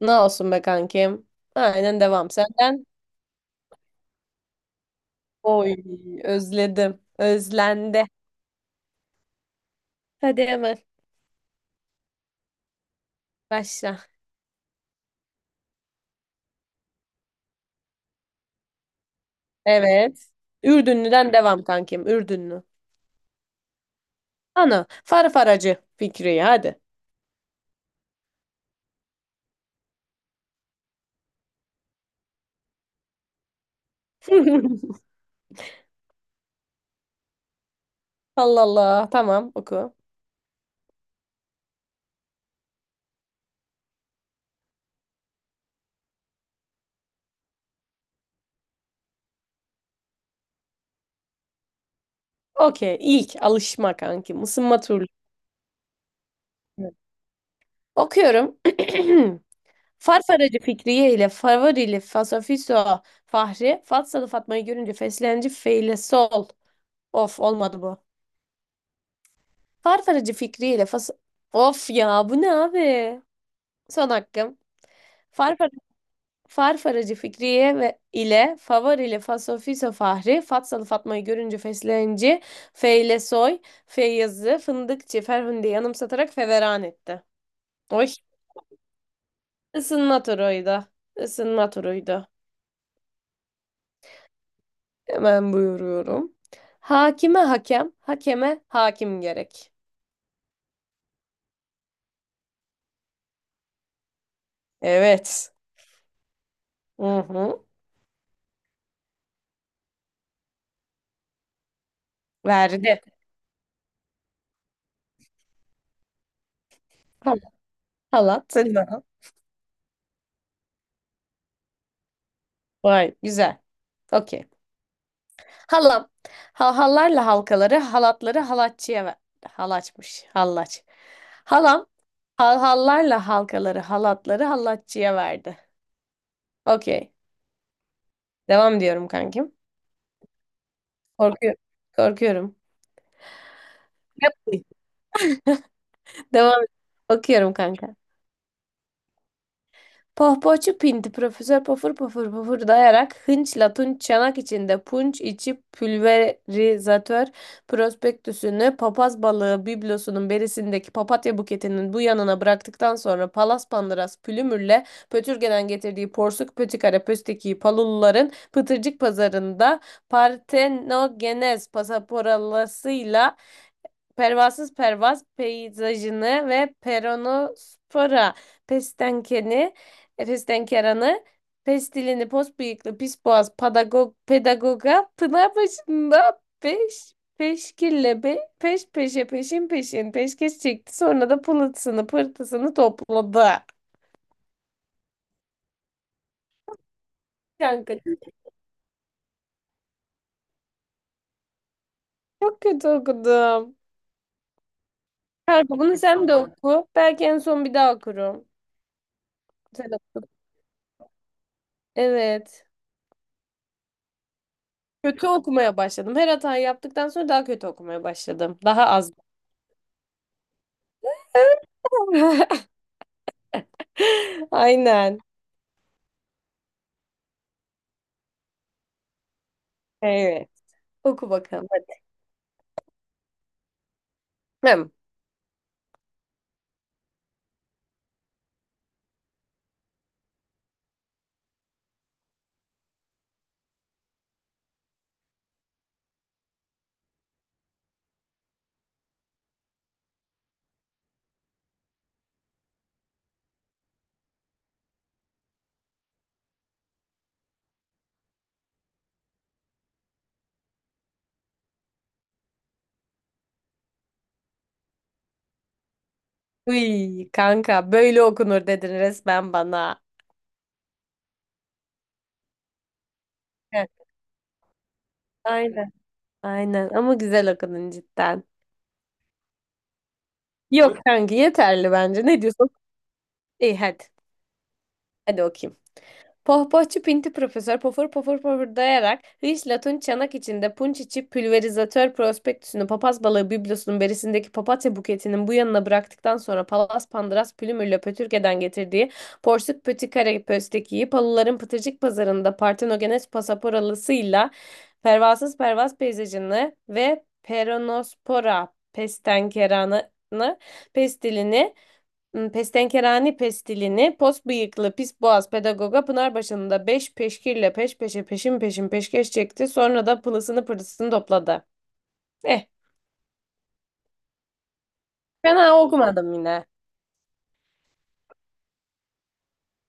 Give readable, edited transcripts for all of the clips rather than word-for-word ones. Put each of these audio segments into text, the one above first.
Ne olsun be kankim. Aynen devam senden. Oy özledim. Özlendi. Hadi hemen başla. Evet. Ürdünlü'den devam kankim. Ürdünlü. Ana. Farfaracı Fikriye hadi. Allah Allah. Tamam oku. Okey. İlk alışma kankim. Isınma turlu. Okuyorum. Farfaracı Fikriye ile Favorili Fasofiso Fahri Fatsalı Fatma'yı görünce feslenci feyle sol. Of olmadı bu. Farfaracı fikriyle fas... Of ya bu ne abi? Son hakkım. Farfar Farfaracı Fikriye ve ile Favar ile Fasofiso Fahri Fatsalı Fatma'yı görünce feslenci Feylesoy Feyyazı Fındıkçı Ferhunde yanımsatarak feveran etti. Oy. Isınma turuydu. Isınma turuydu. Hemen buyuruyorum. Hakime hakem, hakeme hakim gerek. Evet. Hı hı. Verdi. Tamam. Halat. Sen de al. Vay güzel. Okey. Halam. Ha- hallarla halkaları, halatları halatçıya ver. Halaçmış. Hallaç. Halam. Hal hallarla halkaları, halatları halatçıya verdi. Okey. Devam diyorum kankim. Korkuyorum. Korkuyorum. Yap. Devam. Okuyorum kanka. Pohpohçu Pinti Profesör pofur pofur pofur dayarak hınçla tunç çanak içinde punç içi pülverizatör prospektüsünü papaz balığı biblosunun berisindeki papatya buketinin bu yanına bıraktıktan sonra palas pandıras pülümürle Pötürge'den getirdiği porsuk pötikara pöstekiyi paluluların pıtırcık pazarında partenogenez pasaporalasıyla pervasız pervaz peyzajını ve peronospora pestenkeni, pestenkeranı, pestilini, pos bıyıklı, pis boğaz, pedagog, pedagoga, pınar başında peş, peşkille, be, peş peşe, peşin peşin, peşkeş çekti. Sonra da pılısını, pırtısını topladı. Kanka çok kötü okudum. Kanka bunu sen de oku. Belki en son bir daha okurum. Sen oku. Evet. Kötü okumaya başladım. Her hatayı yaptıktan sonra daha kötü okumaya başladım. Daha az. Aynen. Evet. Oku bakalım. Hadi. Hem. Uy, kanka böyle okunur dedin resmen bana. Heh, aynen. Aynen ama güzel okudun cidden. Yok kanka yeterli bence. Ne diyorsun? İyi hadi. Hadi okuyayım. Pohpohçu Pinti Profesör pofur pofur pofurdayarak Hıyş Latun çanak içinde punç içi pülverizatör prospektüsünü papaz balığı biblosunun berisindeki papatya buketinin bu yanına bıraktıktan sonra Palas Pandıras Pülümür'le Pötürge'den getirdiği Porsuk Pötikare Pösteki'yi Palıların Pıtırcık Pazarı'nda Partenogenes Pasaporalısıyla Pervasız Pervas Peyzajını ve Peronospora Pestenkeranı Pestilini. Pestenkerani pestilini, pos bıyıklı, pis boğaz pedagoga Pınar başında beş peşkirle peş peşe peşin peşin peşkeş çekti. Sonra da pılısını pırtısını topladı. Eh, fena okumadım yine.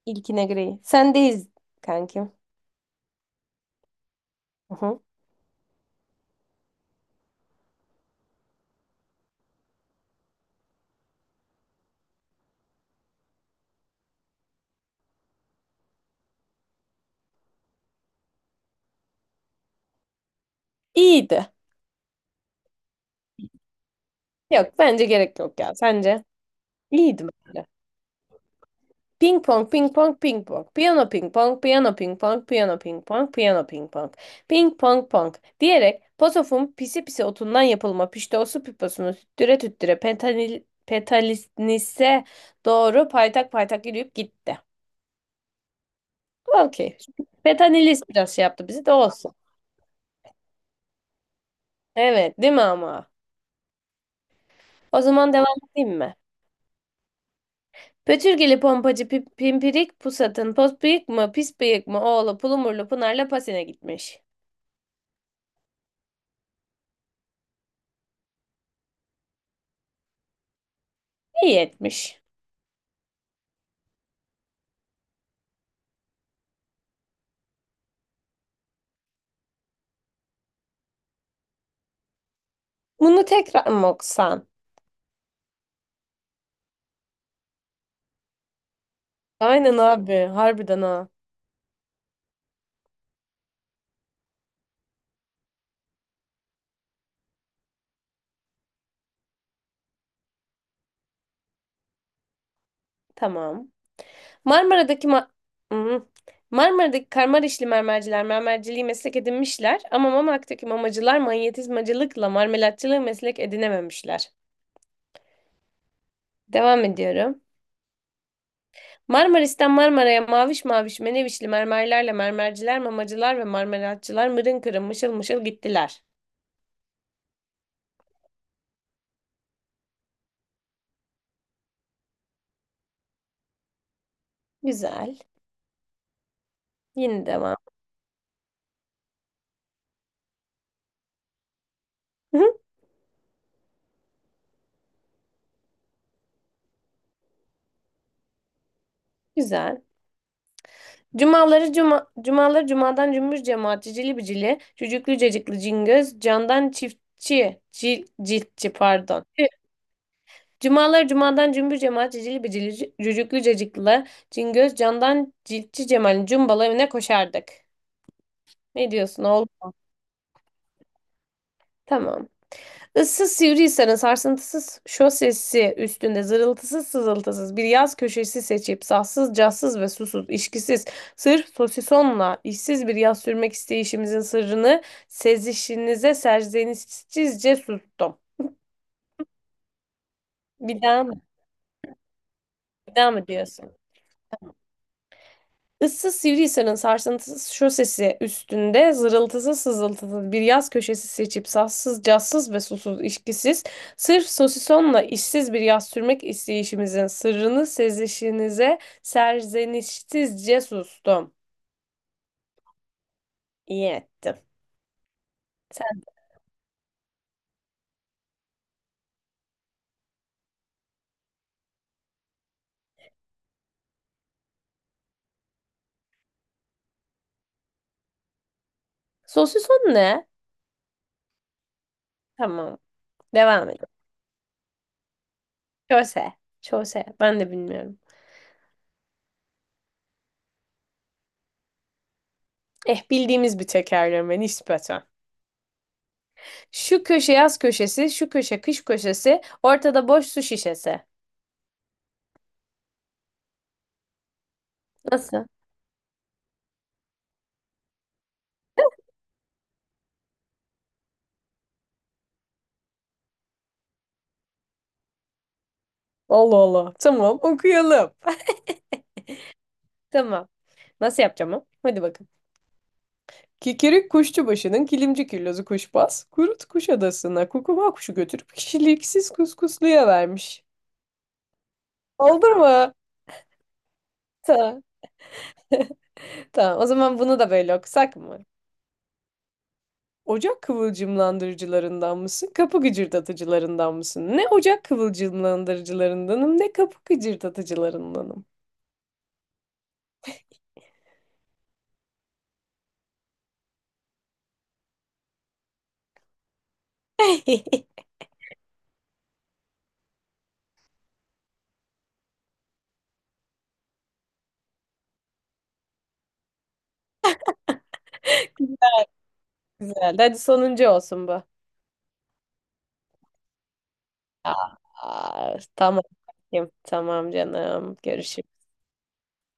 İlkine göre. Sendeyiz kankim. Hı hı. İyiydi. Yok bence gerek yok ya. Sence? İyiydi bence. Ping pong, ping pong, ping pong. Piyano ping pong, piyano ping pong, piyano ping pong, piyano ping pong. Ping pong pong diyerek Pozof'un pisi pisi otundan yapılma piştoğusu piposunu tüttüre tüttüre pentanil, petalinise doğru paytak paytak yürüyüp gitti. Okey. Petanilis biraz şey yaptı bizi de olsun. Evet değil mi ama? O zaman devam edeyim mi? Pötürgeli pompacı pip- pimpirik pusatın pos bıyık mı pis bıyık mı oğlu pulumurlu Pınar'la Pasin'e gitmiş. İyi etmiş. Bunu tekrar mı okusan? Aynen abi. Harbiden ha. Tamam. Marmara'daki ma Hmm. Marmara'daki karmarişli mermerciler mermerciliği meslek edinmişler ama Mamak'taki mamacılar manyetizmacılıkla marmelatçılığı meslek edinememişler. Devam ediyorum. Marmaris'ten Marmara'ya maviş maviş menevişli mermerlerle mermerciler, mamacılar ve marmelatçılar mırın kırın mışıl mışıl gittiler. Güzel. Yine devam. Hı hı, güzel. Cumaları cumadan cümbüş cemaat cicili bicili cücüklü cacıklı cingöz candan çiftçi ciltçi pardon. Tüh. Cumaları cumadan cümbüş cemaat cicili bicili cücüklü cacıklı cingöz candan ciltçi cemalin cumbalı evine koşardık. Ne diyorsun oğlum? Tamam. Issız sivriysen sarsıntısız şosesi üstünde zırıltısız sızıltısız bir yaz köşesi seçip sassız cassız ve susuz işkisiz sırf sosisonla işsiz bir yaz sürmek isteyişimizin sırrını sezişinize serzenişsizce sustum. Bir daha mı? Bir daha mı diyorsun? Issız Sivrihisar'ın sarsıntısız şosesi üstünde zırıltısı sızıltılı bir yaz köşesi seçip sassız, cazsız ve susuz işkisiz, sırf sosisonla işsiz bir yaz sürmek isteyişimizin sırrını sezişinize serzenişsizce sustum. İyi ettim. Sosison ne? Tamam. Devam edelim. Köse. Çose. Ben de bilmiyorum. Eh bildiğimiz bir tekerleme nispeten. Şu köşe yaz köşesi, şu köşe kış köşesi, ortada boş su şişesi. Nasıl? Allah Allah. Tamam okuyalım. Tamam. Nasıl yapacağım o? Hadi bakın. Kikirik kuşçu başının kilimci küllozu kuşbaz, kurut kuş adasına kukuma kuşu götürüp kişiliksiz kuskusluya vermiş. Oldu mu? Tamam. Tamam. O zaman bunu da böyle okusak mı? Ocak kıvılcımlandırıcılarından mısın? Kapı gıcırdatıcılarından mısın? Ne ocak kıvılcımlandırıcılarındanım ne kapı gıcırdatıcılarındanım. Güzel. Hadi sonuncu olsun bu. Aa, tamam. Tamam canım. Görüşürüz.